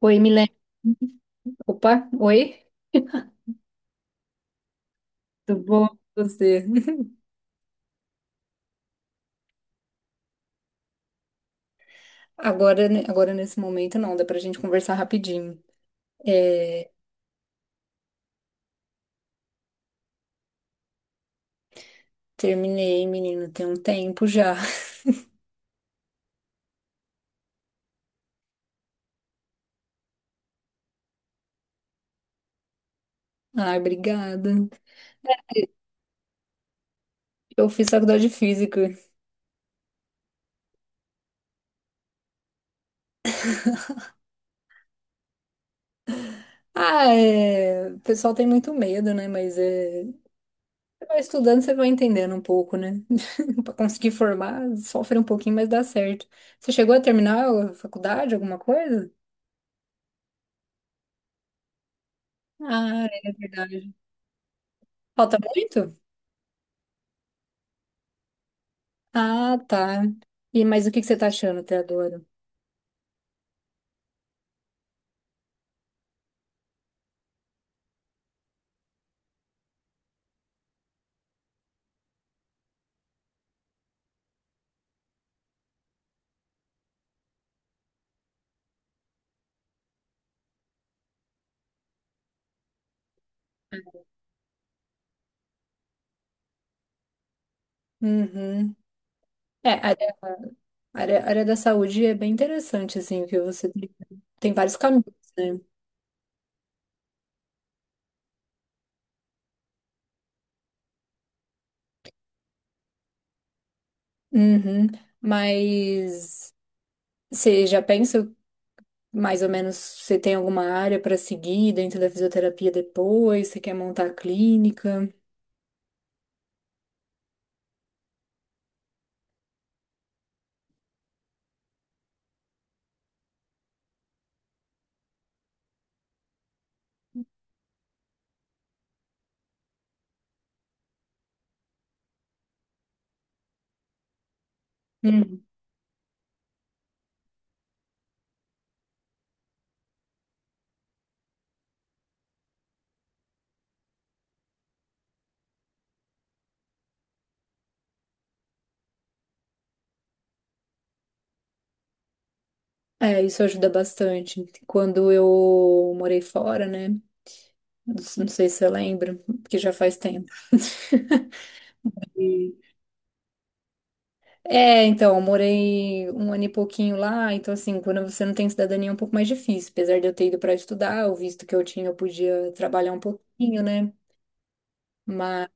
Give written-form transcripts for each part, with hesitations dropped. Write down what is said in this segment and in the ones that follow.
Oi, Milene. Opa, oi. Tudo bom com você? Agora, agora nesse momento não, dá pra gente conversar rapidinho. É, terminei, menino, tem um tempo já. Ai, obrigada. Eu fiz faculdade de física. Ah, é, o pessoal tem muito medo, né? Mas é, você vai estudando, você vai entendendo um pouco, né? Pra conseguir formar, sofre um pouquinho, mas dá certo. Você chegou a terminar a faculdade, alguma coisa? Ah, é verdade. Falta muito? Ah, tá. E, mas o que que você tá achando até agora? Uhum. É, a área, a área da saúde é bem interessante, assim, o que você tem, tem vários caminhos, né? Uhum. Mas você já pensa mais ou menos, você tem alguma área para seguir dentro da fisioterapia depois? Você quer montar a clínica? Uhum. É, isso ajuda bastante. Quando eu morei fora, né? Não sei se você lembra, porque já faz tempo. É, então, eu morei um ano e pouquinho lá, então assim, quando você não tem cidadania é um pouco mais difícil. Apesar de eu ter ido para estudar, o visto que eu tinha, eu podia trabalhar um pouquinho, né? Mas,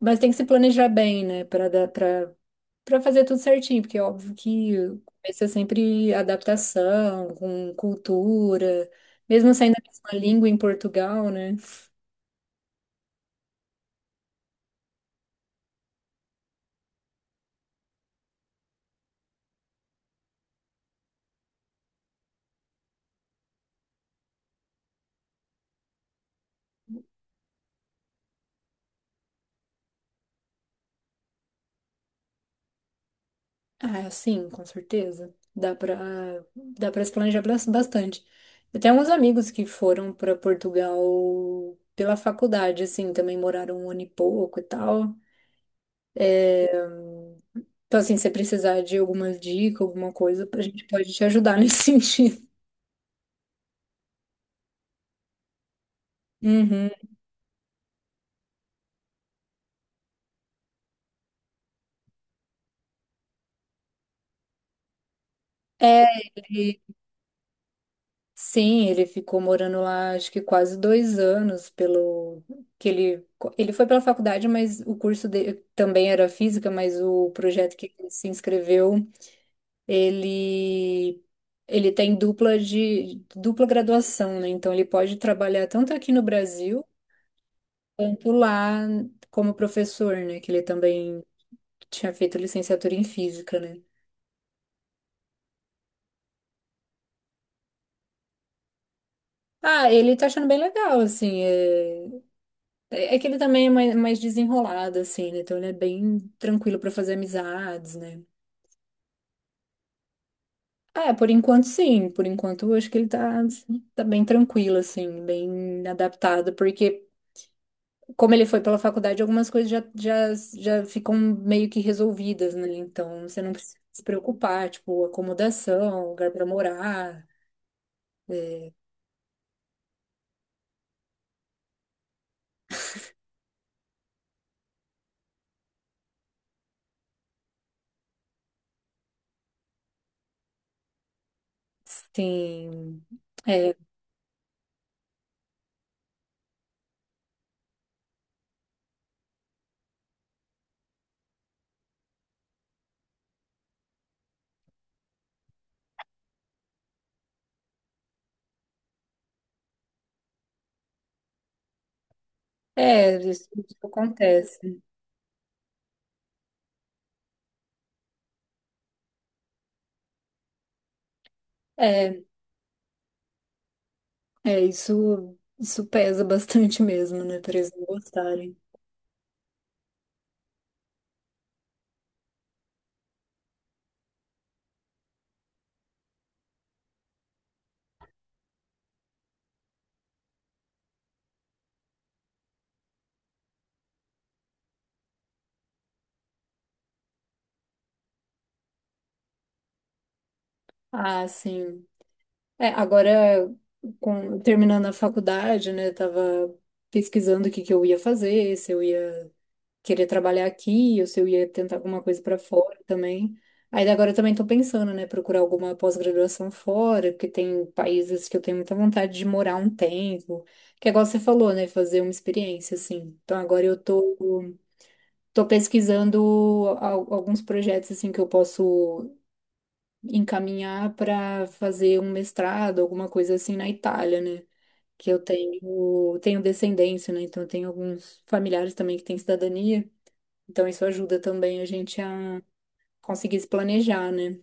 mas tem que se planejar bem, né? Para dar, para fazer tudo certinho, porque é óbvio que o começo é sempre adaptação, com cultura, mesmo saindo a mesma língua em Portugal, né? Ah, sim, com certeza. Dá pra se planejar bastante. Eu tenho alguns amigos que foram pra Portugal pela faculdade, assim, também moraram um ano e pouco e tal. É, então, assim, se você precisar de alguma dica, alguma coisa, a gente pode te ajudar nesse sentido. Uhum. É, sim, ele ficou morando lá, acho que quase dois anos, pelo que ele foi pela faculdade, mas o curso dele também era física, mas o projeto que ele se inscreveu, ele ele tem dupla de dupla graduação, né? Então ele pode trabalhar tanto aqui no Brasil quanto lá como professor, né? Que ele também tinha feito licenciatura em física, né? Ah, ele tá achando bem legal, assim, é... É que ele também é mais, mais desenrolado, assim, né? Então ele é bem tranquilo pra fazer amizades, né? Ah, é, por enquanto sim, por enquanto eu acho que ele tá, assim, tá bem tranquilo, assim, bem adaptado, porque como ele foi pela faculdade, algumas coisas já ficam meio que resolvidas, né? Então você não precisa se preocupar, tipo, acomodação, lugar pra morar, é, sim. É, é, isso acontece. É É, isso pesa bastante mesmo, né, para eles não gostarem. Ah, sim. É, agora, terminando a faculdade, né, tava pesquisando o que que eu ia fazer, se eu ia querer trabalhar aqui, ou se eu ia tentar alguma coisa para fora também. Aí agora eu também tô pensando, né, procurar alguma pós-graduação fora, porque tem países que eu tenho muita vontade de morar um tempo, que é igual você falou, né, fazer uma experiência, assim. Então agora eu tô, tô pesquisando alguns projetos assim que eu posso encaminhar para fazer um mestrado, alguma coisa assim na Itália, né? Que eu tenho, tenho descendência, né? Então eu tenho alguns familiares também que têm cidadania. Então isso ajuda também a gente a conseguir se planejar, né?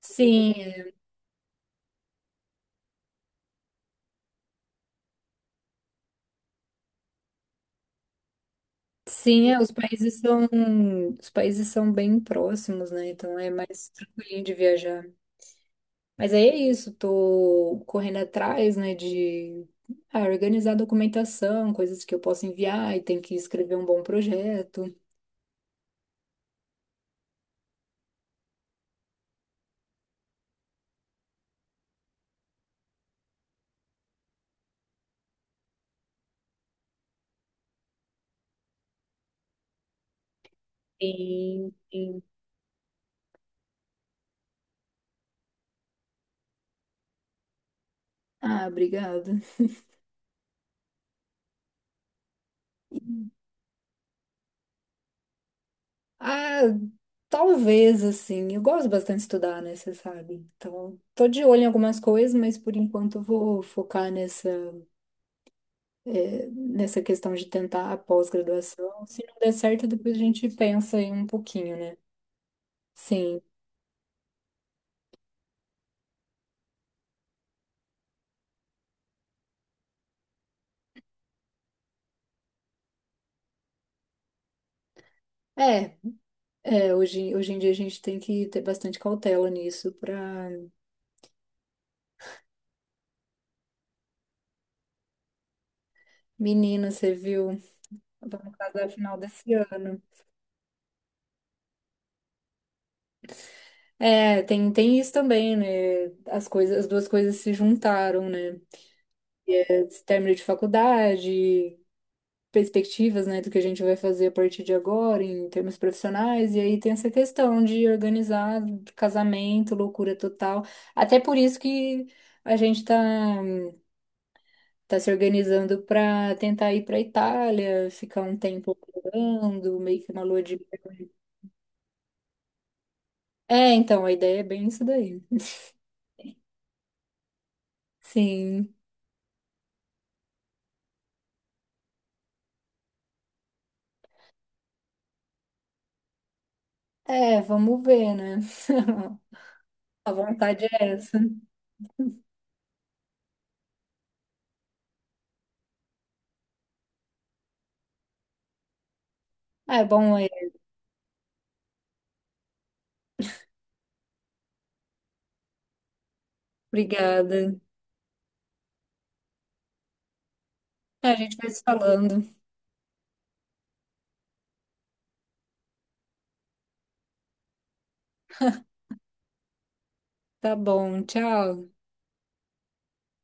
Sim, é. Sim, é, os países são bem próximos, né? Então é mais tranquilinho de viajar. Mas aí é isso, tô correndo atrás, né, de ah, organizar documentação, coisas que eu posso enviar e tem que escrever um bom projeto. Sim, sim. Ah, obrigada. Ah, talvez, assim, eu gosto bastante de estudar, né, você sabe. Então, tô de olho em algumas coisas, mas por enquanto eu vou focar nessa, nessa questão de tentar a pós-graduação. Se não der certo, depois a gente pensa aí um pouquinho, né? Sim. É, é, hoje, hoje em dia a gente tem que ter bastante cautela nisso pra... Menina, você viu? Vai casar final desse ano. É, tem, tem isso também, né? As coisas, as duas coisas se juntaram, né? Esse término de faculdade, perspectivas, né, do que a gente vai fazer a partir de agora em termos profissionais, e aí tem essa questão de organizar casamento, loucura total. Até por isso que a gente tá se organizando para tentar ir para Itália, ficar um tempo morando, meio que uma lua de mel. É, então, a ideia é bem isso daí. Sim. É, vamos ver, né? A vontade é essa. É bom, é. Obrigada. A gente vai se falando. Tá bom, tchau.